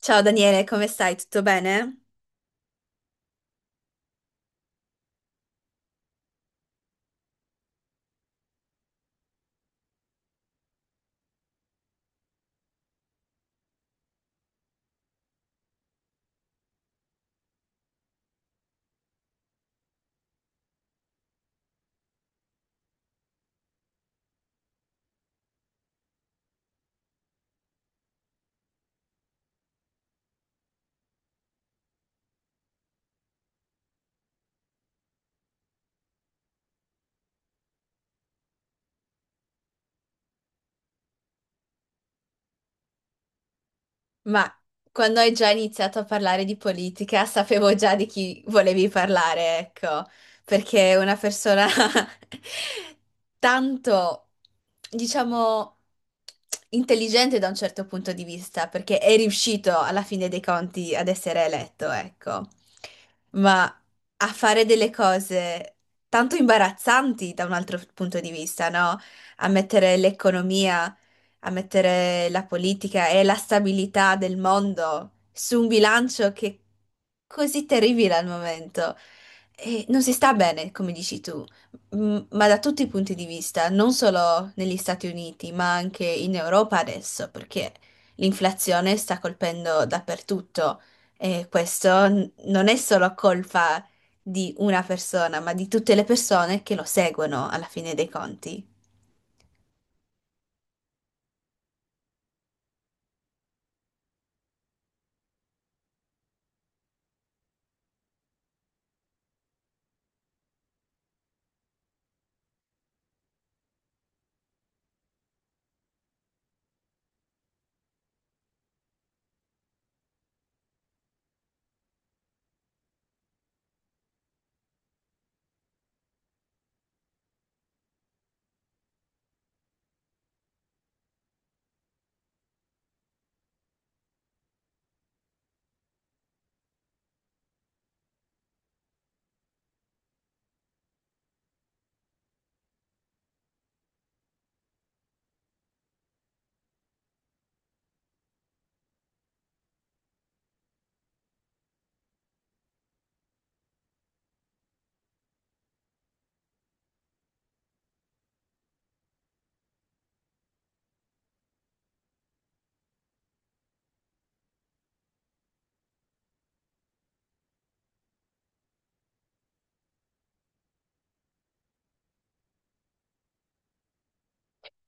Ciao Daniele, come stai? Tutto bene? Ma quando hai già iniziato a parlare di politica, sapevo già di chi volevi parlare, ecco, perché è una persona tanto, diciamo, intelligente da un certo punto di vista, perché è riuscito alla fine dei conti ad essere eletto, ecco, ma a fare delle cose tanto imbarazzanti da un altro punto di vista, no? A mettere l'economia a mettere la politica e la stabilità del mondo su un bilancio che è così terribile al momento. E non si sta bene, come dici tu, ma da tutti i punti di vista, non solo negli Stati Uniti, ma anche in Europa adesso, perché l'inflazione sta colpendo dappertutto e questo non è solo colpa di una persona, ma di tutte le persone che lo seguono alla fine dei conti.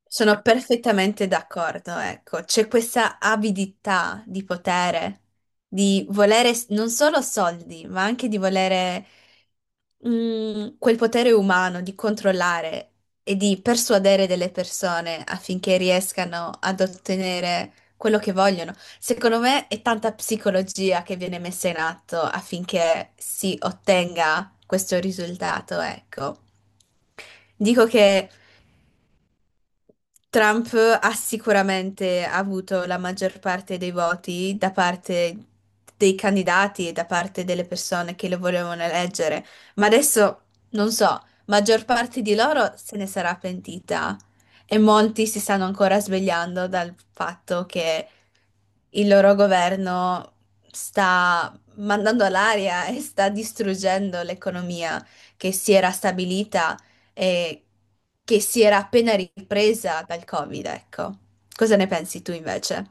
Sono perfettamente d'accordo, ecco, c'è questa avidità di potere, di volere non solo soldi, ma anche di volere quel potere umano di controllare e di persuadere delle persone affinché riescano ad ottenere quello che vogliono. Secondo me è tanta psicologia che viene messa in atto affinché si ottenga questo risultato, ecco. Dico che Trump ha sicuramente avuto la maggior parte dei voti da parte dei candidati e da parte delle persone che lo volevano eleggere, ma adesso non so, maggior parte di loro se ne sarà pentita e molti si stanno ancora svegliando dal fatto che il loro governo sta mandando all'aria e sta distruggendo l'economia che si era stabilita eh, che si era appena ripresa dal Covid, ecco. Cosa ne pensi tu invece?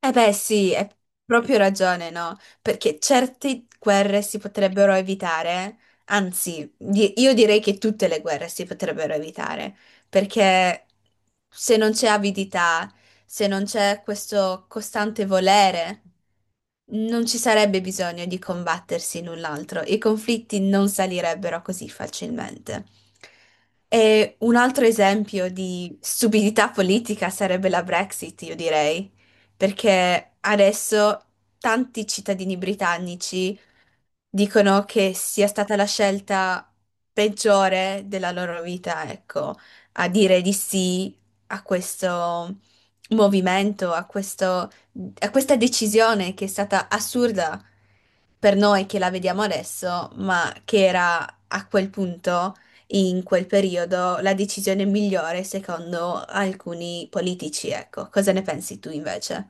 Eh beh, sì, hai proprio ragione, no? Perché certe guerre si potrebbero evitare, anzi, io direi che tutte le guerre si potrebbero evitare, perché se non c'è avidità, se non c'è questo costante volere, non ci sarebbe bisogno di combattersi l'un l'altro, i conflitti non salirebbero così facilmente. E un altro esempio di stupidità politica sarebbe la Brexit, io direi, perché adesso tanti cittadini britannici dicono che sia stata la scelta peggiore della loro vita, ecco, a dire di sì a questo movimento, a questa decisione che è stata assurda per noi che la vediamo adesso, ma che era a quel punto, in quel periodo, la decisione migliore secondo alcuni politici, ecco. Cosa ne pensi tu invece?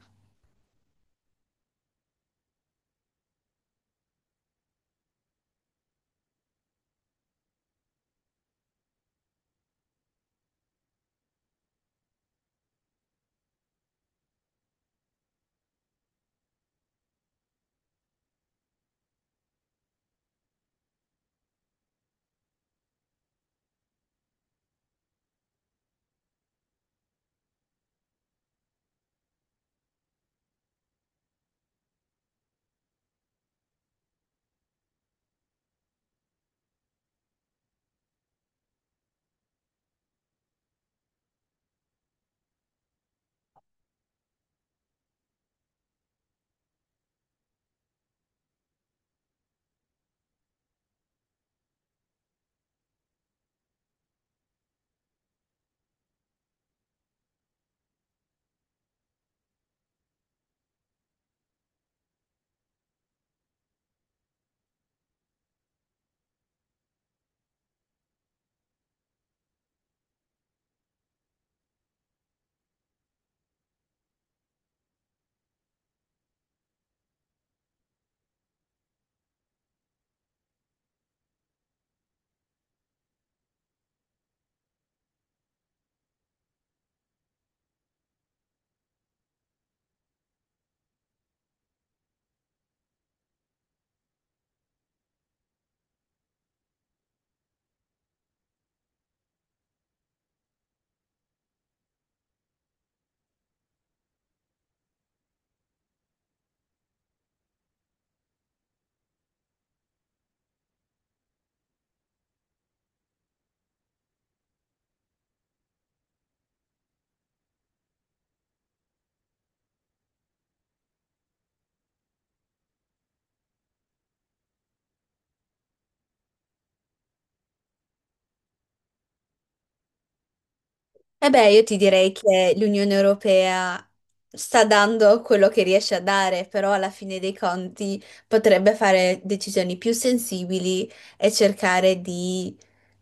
Eh beh, io ti direi che l'Unione Europea sta dando quello che riesce a dare, però alla fine dei conti potrebbe fare decisioni più sensibili e cercare di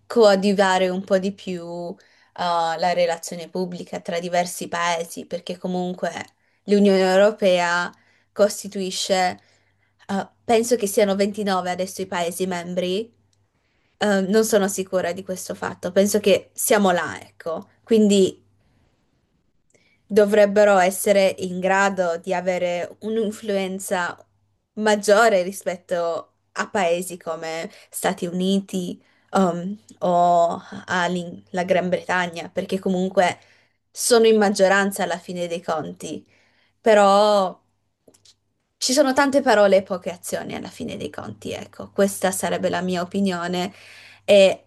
coadiuvare un po' di più, la relazione pubblica tra diversi paesi, perché comunque l'Unione Europea costituisce, penso che siano 29 adesso i paesi membri, non sono sicura di questo fatto, penso che siamo là, ecco, quindi dovrebbero essere in grado di avere un'influenza maggiore rispetto a paesi come Stati Uniti, o alla Gran Bretagna, perché comunque sono in maggioranza alla fine dei conti, però ci sono tante parole e poche azioni alla fine dei conti, ecco, questa sarebbe la mia opinione, e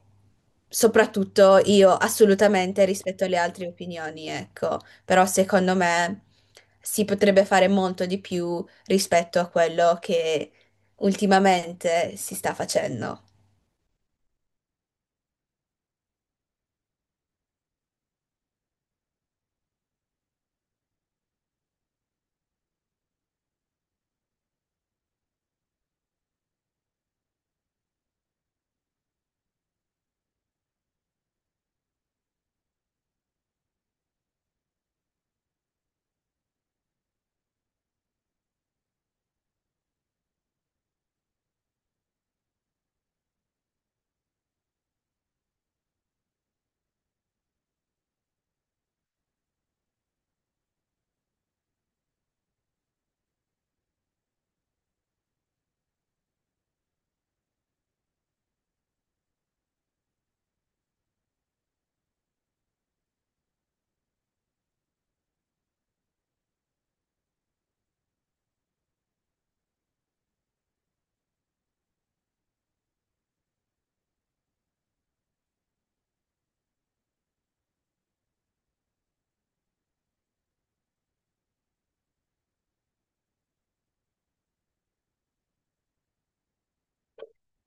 soprattutto io assolutamente rispetto alle altre opinioni, ecco, però secondo me si potrebbe fare molto di più rispetto a quello che ultimamente si sta facendo.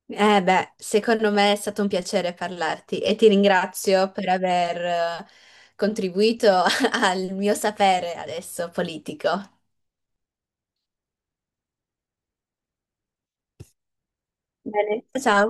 Eh beh, secondo me è stato un piacere parlarti e ti ringrazio per aver eh, contribuito al mio sapere adesso politico. Bene. Ciao.